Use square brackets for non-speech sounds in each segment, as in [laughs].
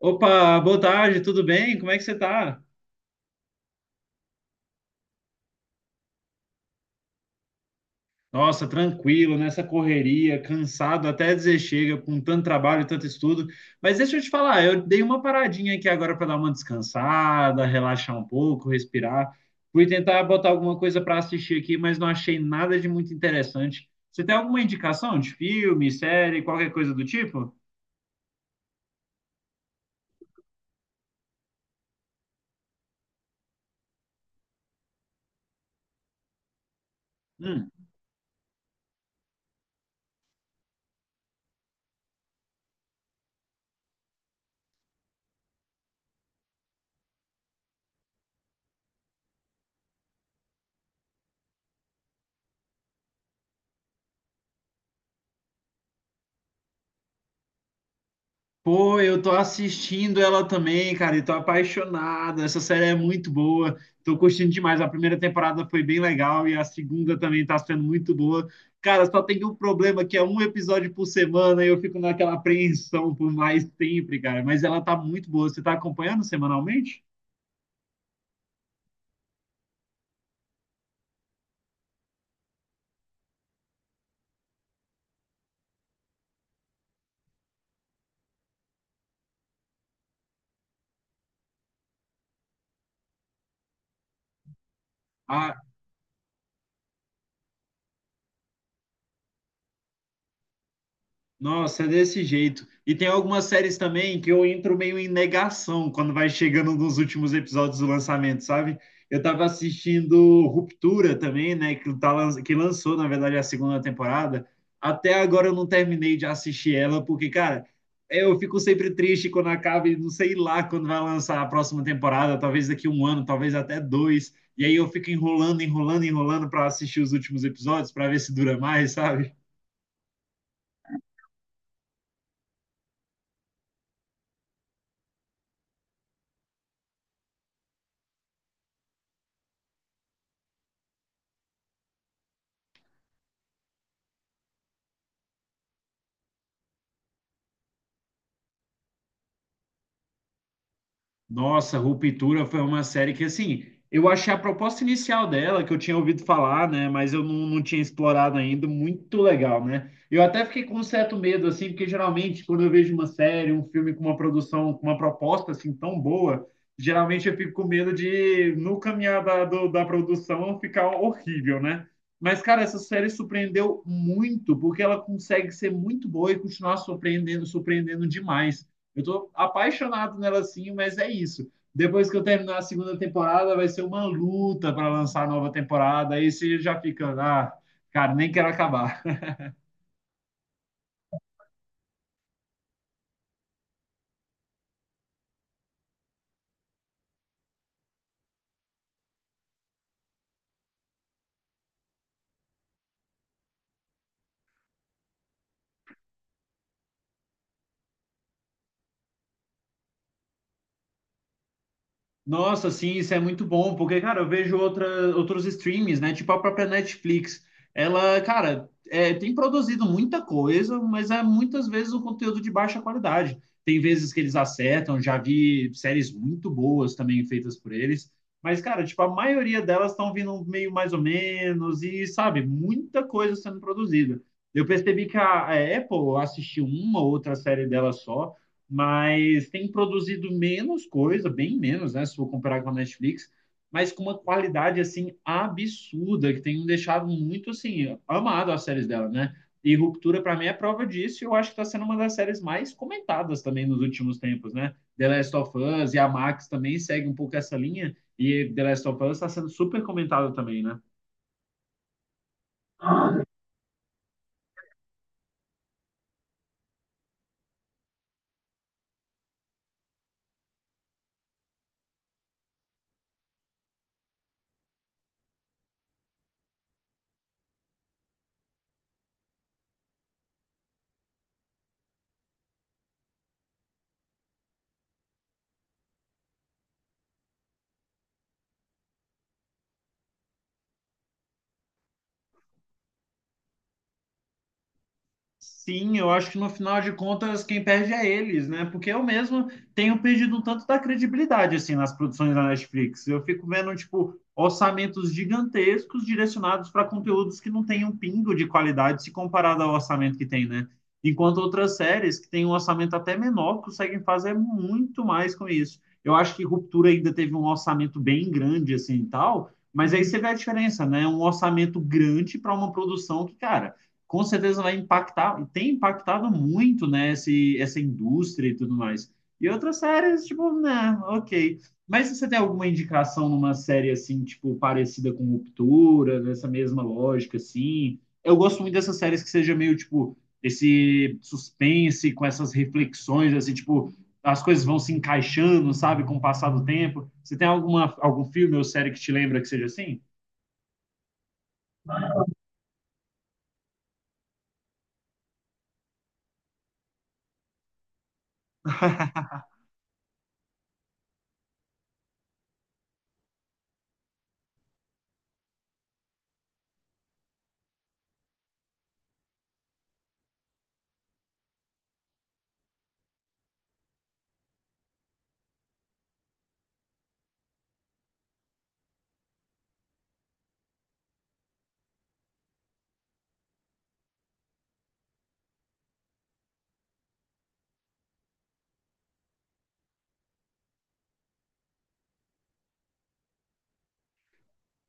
Opa, boa tarde, tudo bem? Como é que você tá? Nossa, tranquilo, nessa correria, cansado até dizer chega, com tanto trabalho, e tanto estudo. Mas deixa eu te falar, eu dei uma paradinha aqui agora para dar uma descansada, relaxar um pouco, respirar. Fui tentar botar alguma coisa para assistir aqui, mas não achei nada de muito interessante. Você tem alguma indicação de filme, série, qualquer coisa do tipo? Hum. Pô, eu tô assistindo ela também, cara, e tô apaixonado. Essa série é muito boa. Tô curtindo demais. A primeira temporada foi bem legal e a segunda também tá sendo muito boa. Cara, só tem um problema que é um episódio por semana e eu fico naquela apreensão por mais sempre, cara. Mas ela tá muito boa. Você tá acompanhando semanalmente? Ah, nossa, é desse jeito. E tem algumas séries também que eu entro meio em negação quando vai chegando nos últimos episódios do lançamento, sabe? Eu tava assistindo Ruptura também, né? Que, tá, que lançou, na verdade, a segunda temporada. Até agora eu não terminei de assistir ela, porque, cara, eu fico sempre triste quando acaba e não sei lá quando vai lançar a próxima temporada, talvez daqui um ano, talvez até dois. E aí eu fico enrolando, enrolando, enrolando para assistir os últimos episódios, para ver se dura mais, sabe? Nossa, Ruptura foi uma série que, assim, eu achei a proposta inicial dela, que eu tinha ouvido falar, né, mas eu não tinha explorado ainda, muito legal, né? Eu até fiquei com um certo medo, assim, porque geralmente quando eu vejo uma série, um filme com uma produção, com uma proposta, assim, tão boa, geralmente eu fico com medo de, no caminhar da, da produção, ficar horrível, né? Mas, cara, essa série surpreendeu muito, porque ela consegue ser muito boa e continuar surpreendendo, surpreendendo demais. Eu tô apaixonado nela sim, mas é isso. Depois que eu terminar a segunda temporada, vai ser uma luta para lançar a nova temporada. Aí você já fica, ah, cara, nem quero acabar. Nossa, sim, isso é muito bom, porque, cara, eu vejo outra, outros streams, né? Tipo a própria Netflix. Ela, cara, é, tem produzido muita coisa, mas é muitas vezes um conteúdo de baixa qualidade. Tem vezes que eles acertam, já vi séries muito boas também feitas por eles. Mas, cara, tipo, a maioria delas estão vindo meio mais ou menos, e, sabe, muita coisa sendo produzida. Eu percebi que a Apple assistiu uma ou outra série dela só, mas tem produzido menos coisa, bem menos, né? Se for comparar com a Netflix, mas com uma qualidade assim absurda que tem me deixado muito assim amado as séries dela, né? E Ruptura para mim é prova disso. E eu acho que está sendo uma das séries mais comentadas também nos últimos tempos, né? The Last of Us e a Max também segue um pouco essa linha e The Last of Us está sendo super comentada também, né? Sim, eu acho que no final de contas quem perde é eles, né? Porque eu mesmo tenho perdido um tanto da credibilidade assim nas produções da Netflix. Eu fico vendo tipo orçamentos gigantescos direcionados para conteúdos que não têm um pingo de qualidade se comparado ao orçamento que tem, né? Enquanto outras séries que têm um orçamento até menor conseguem fazer muito mais com isso. Eu acho que Ruptura ainda teve um orçamento bem grande assim e tal, mas aí você vê a diferença, né? Um orçamento grande para uma produção que, cara, com certeza vai impactar, e tem impactado muito, né, essa indústria e tudo mais. E outras séries, tipo, né, ok. Mas você tem alguma indicação numa série assim, tipo, parecida com Ruptura, nessa mesma lógica, assim? Eu gosto muito dessas séries que seja meio, tipo, esse suspense com essas reflexões, assim, tipo, as coisas vão se encaixando, sabe, com o passar do tempo. Você tem alguma, algum filme ou série que te lembra que seja assim? [laughs]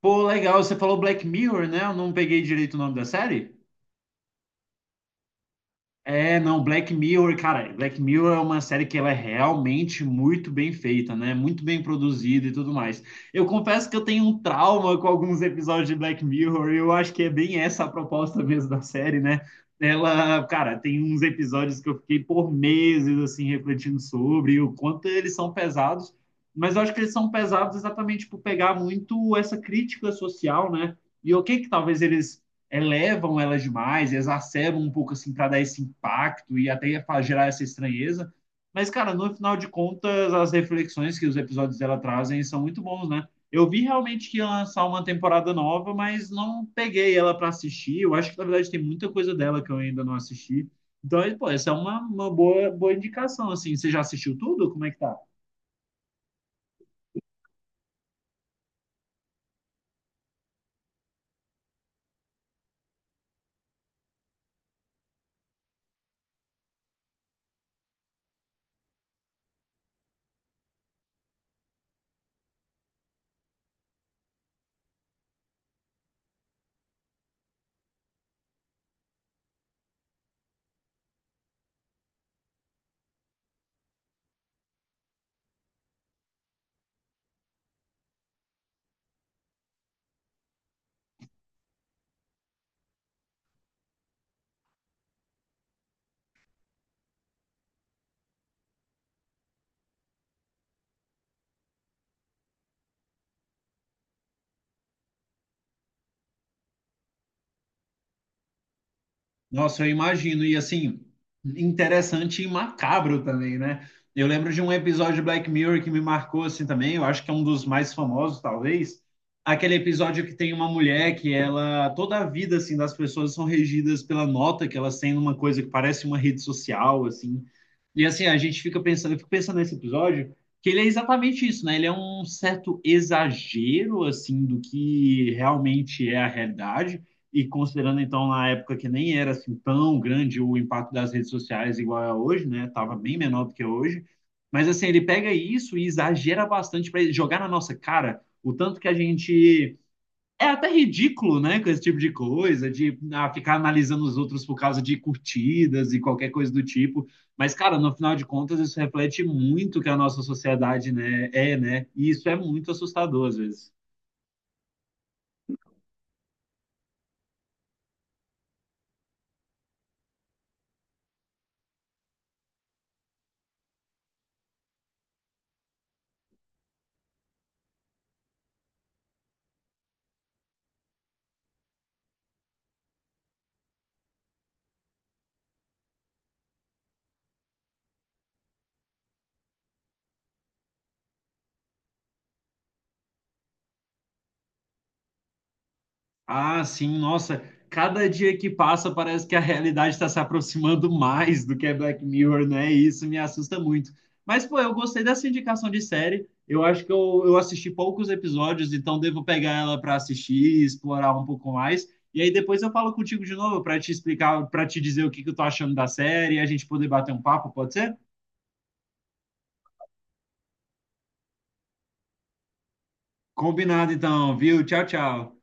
Pô, legal, você falou Black Mirror, né? Eu não peguei direito o nome da série? É, não, Black Mirror, cara, Black Mirror é uma série que ela é realmente muito bem feita, né? Muito bem produzida e tudo mais. Eu confesso que eu tenho um trauma com alguns episódios de Black Mirror, e eu acho que é bem essa a proposta mesmo da série, né? Ela, cara, tem uns episódios que eu fiquei por meses assim refletindo sobre o quanto eles são pesados, mas eu acho que eles são pesados exatamente por pegar muito essa crítica social, né? E o que que talvez eles elevam elas demais, exacerbam um pouco assim para dar esse impacto e até para gerar essa estranheza. Mas, cara, no final de contas, as reflexões que os episódios dela trazem são muito bons, né? Eu vi realmente que ia lançar uma temporada nova, mas não peguei ela para assistir. Eu acho que, na verdade, tem muita coisa dela que eu ainda não assisti. Então, pô, essa é uma boa, boa indicação, assim. Você já assistiu tudo? Como é que tá? Nossa, eu imagino. E assim, interessante e macabro também, né? Eu lembro de um episódio de Black Mirror que me marcou assim também. Eu acho que é um dos mais famosos, talvez. Aquele episódio que tem uma mulher que ela, toda a vida assim das pessoas são regidas pela nota que elas têm numa coisa que parece uma rede social, assim. E assim, a gente fica pensando, eu fico pensando nesse episódio, que ele é exatamente isso, né? Ele é um certo exagero assim do que realmente é a realidade e considerando, então, na época que nem era assim tão grande o impacto das redes sociais igual é hoje, né? Tava bem menor do que é hoje. Mas, assim, ele pega isso e exagera bastante para jogar na nossa cara o tanto que a gente. É até ridículo, né? Com esse tipo de coisa, de ah, ficar analisando os outros por causa de curtidas e qualquer coisa do tipo. Mas, cara, no final de contas, isso reflete muito o que a nossa sociedade, né, é, né? E isso é muito assustador às vezes. Ah, sim, nossa, cada dia que passa parece que a realidade está se aproximando mais do que é Black Mirror, né? E isso me assusta muito. Mas, pô, eu gostei dessa indicação de série. Eu acho que eu assisti poucos episódios, então devo pegar ela para assistir explorar um pouco mais. E aí depois eu falo contigo de novo para te explicar, para te dizer o que que eu tô achando da série e a gente poder bater um papo, pode ser? Combinado então, viu? Tchau, tchau.